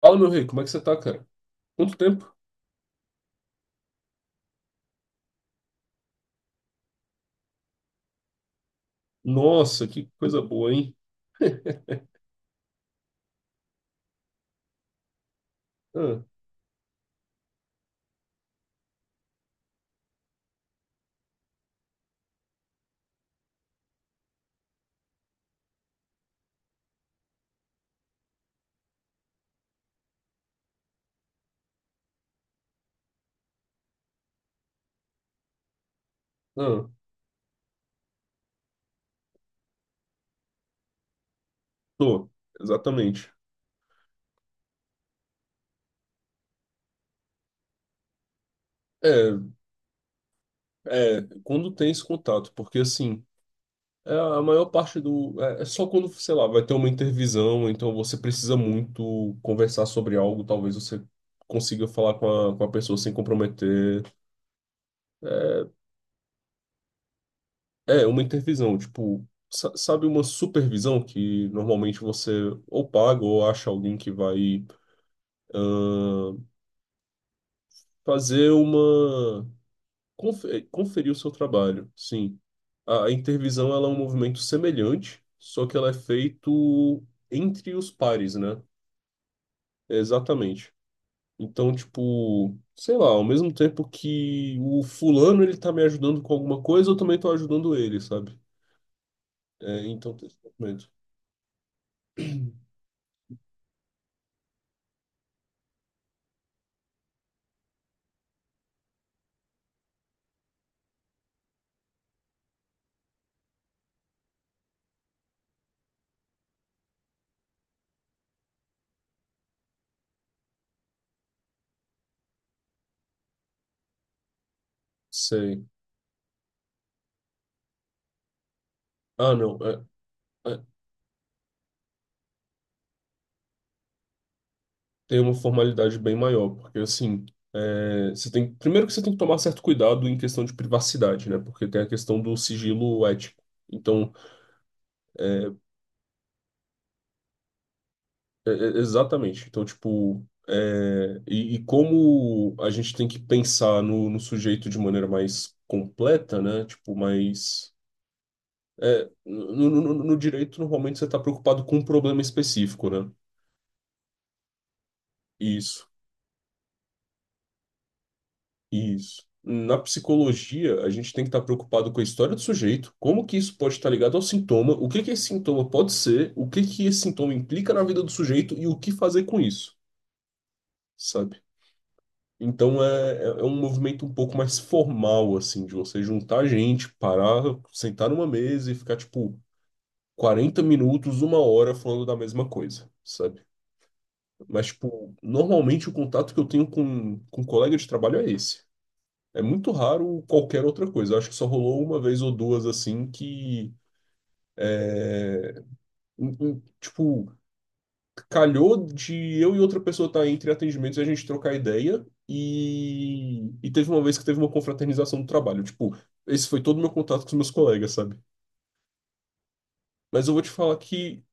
Fala, meu rei, como é que você tá, cara? Quanto tempo? Nossa, que coisa boa, hein? Ah, ah, tô, exatamente. É, quando tem esse contato, porque assim, é a maior parte do. É só quando, sei lá, vai ter uma intervisão, então você precisa muito conversar sobre algo, talvez você consiga falar com com a pessoa sem comprometer. É, é uma intervisão, tipo, sabe uma supervisão que normalmente você ou paga ou acha alguém que vai fazer uma conferir o seu trabalho, sim. A intervisão ela é um movimento semelhante, só que ela é feito entre os pares, né? Exatamente. Então, tipo, sei lá, ao mesmo tempo que o fulano ele tá me ajudando com alguma coisa, eu também tô ajudando ele, sabe? É, então tem esse movimento. Sei. Ah, não. É, é, tem uma formalidade bem maior, porque assim, você tem, primeiro que você tem que tomar certo cuidado em questão de privacidade, né? Porque tem a questão do sigilo ético. Então, é, exatamente. Então, tipo, e como a gente tem que pensar no, no sujeito de maneira mais completa, né? Tipo, mais no, no direito, normalmente você está preocupado com um problema específico, né? Isso. Isso. Na psicologia, a gente tem que estar preocupado com a história do sujeito, como que isso pode estar ligado ao sintoma, o que que esse sintoma pode ser, o que que esse sintoma implica na vida do sujeito e o que fazer com isso, sabe? Então é um movimento um pouco mais formal, assim, de você juntar gente, parar, sentar numa mesa e ficar, tipo, 40 minutos, 1 hora falando da mesma coisa, sabe? Mas, tipo, normalmente o contato que eu tenho com colega de trabalho é esse. É muito raro qualquer outra coisa. Eu acho que só rolou uma vez ou duas assim que, tipo, calhou de eu e outra pessoa estar entre atendimentos e a gente trocar ideia. E teve uma vez que teve uma confraternização do trabalho. Tipo, esse foi todo o meu contato com os meus colegas, sabe? Mas eu vou te falar que.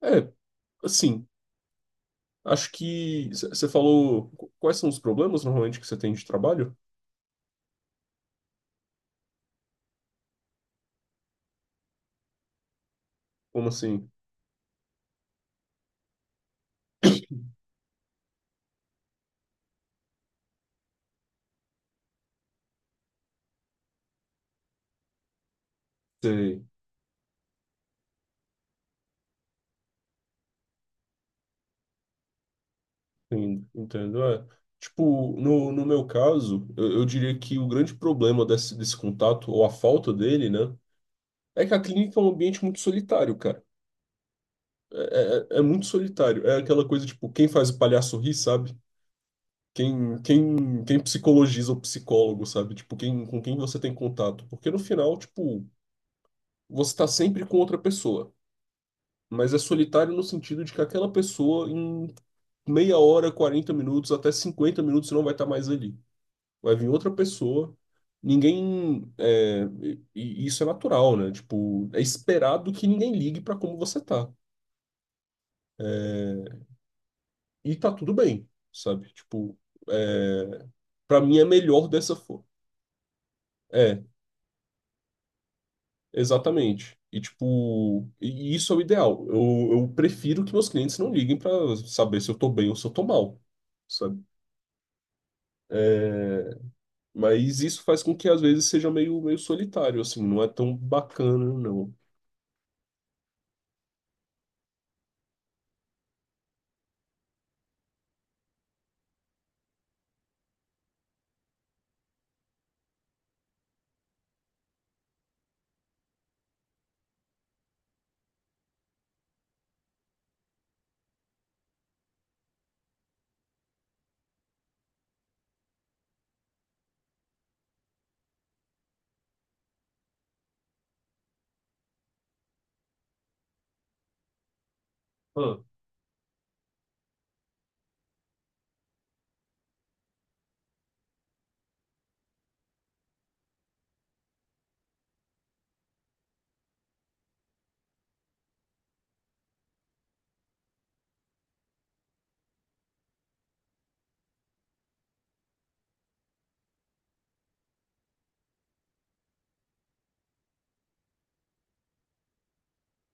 É, assim, acho que. Você falou. Quais são os problemas normalmente que você tem de trabalho? Como assim? Você entendo, entendo, é. Tipo, no meu caso, eu diria que o grande problema desse, desse contato, ou a falta dele, né, é que a clínica é um ambiente muito solitário, cara. É muito solitário. É aquela coisa, tipo, quem faz o palhaço rir, sabe? Quem psicologiza o psicólogo, sabe? Tipo, quem, com quem você tem contato. Porque no final, tipo, você tá sempre com outra pessoa. Mas é solitário no sentido de que aquela pessoa, em meia hora, 40 minutos, até 50 minutos, não vai estar mais ali. Vai vir outra pessoa. Ninguém. E isso é natural, né? Tipo, é esperado que ninguém ligue pra como você tá. E tá tudo bem, sabe? Tipo, é, para mim é melhor dessa forma. É, exatamente. E, tipo, e isso é o ideal. Eu prefiro que meus clientes não liguem pra saber se eu tô bem ou se eu tô mal, sabe? É, mas isso faz com que às vezes seja meio, meio solitário, assim, não é tão bacana, não. Ah.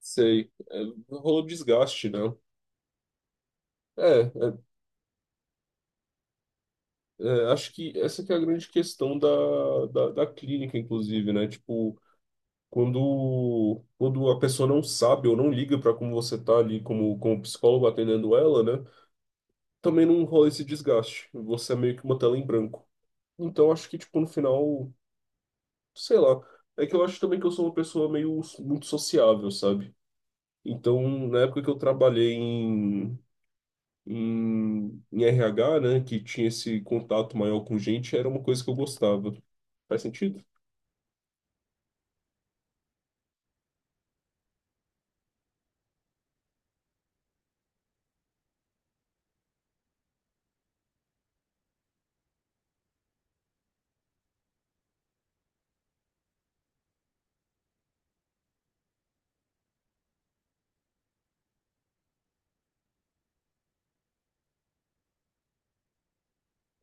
Sei. É, rolou desgaste, né? É, é, acho que essa que é a grande questão da, da clínica, inclusive, né? Tipo, quando a pessoa não sabe ou não liga para como você tá ali como, como psicólogo atendendo ela, né? Também não rola esse desgaste. Você é meio que uma tela em branco. Então, acho que, tipo, no final, sei lá. É que eu acho também que eu sou uma pessoa meio muito sociável, sabe? Então, na época que eu trabalhei em RH, né, que tinha esse contato maior com gente, era uma coisa que eu gostava. Faz sentido?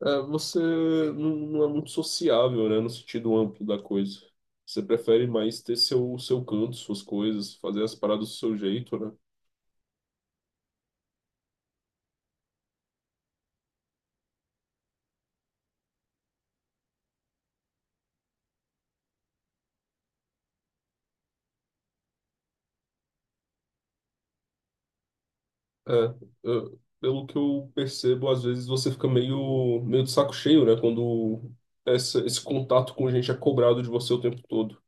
É, você não, não é muito sociável, né, no sentido amplo da coisa. Você prefere mais ter seu, seu canto, suas coisas, fazer as paradas do seu jeito, né? É, pelo que eu percebo, às vezes você fica meio, meio de saco cheio, né, quando essa, esse contato com gente é cobrado de você o tempo todo.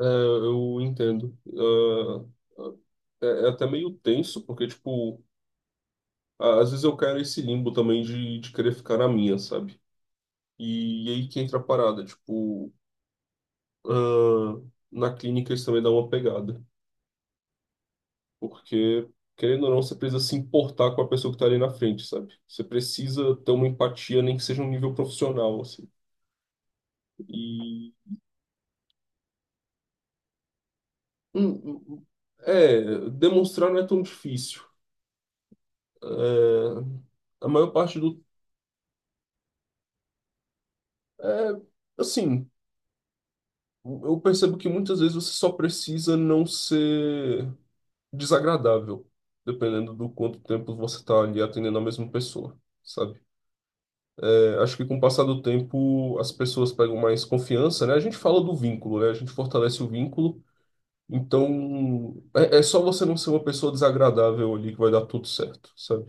É, eu entendo. É, é até meio tenso, porque, tipo, às vezes eu quero nesse limbo também de querer ficar na minha, sabe? E aí que entra a parada, tipo, ah, na clínica isso também dá uma pegada, porque, querendo ou não, você precisa se importar com a pessoa que tá ali na frente, sabe? Você precisa ter uma empatia, nem que seja um nível profissional, assim. E, hum, hum, é, demonstrar não é tão difícil. É, a maior parte do... É, assim... Eu percebo que muitas vezes você só precisa não ser desagradável, dependendo do quanto tempo você está ali atendendo a mesma pessoa, sabe? É, acho que com o passar do tempo as pessoas pegam mais confiança, né? A gente fala do vínculo, né? A gente fortalece o vínculo, então é só você não ser uma pessoa desagradável ali que vai dar tudo certo, sabe?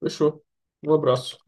Fechou. Um abraço.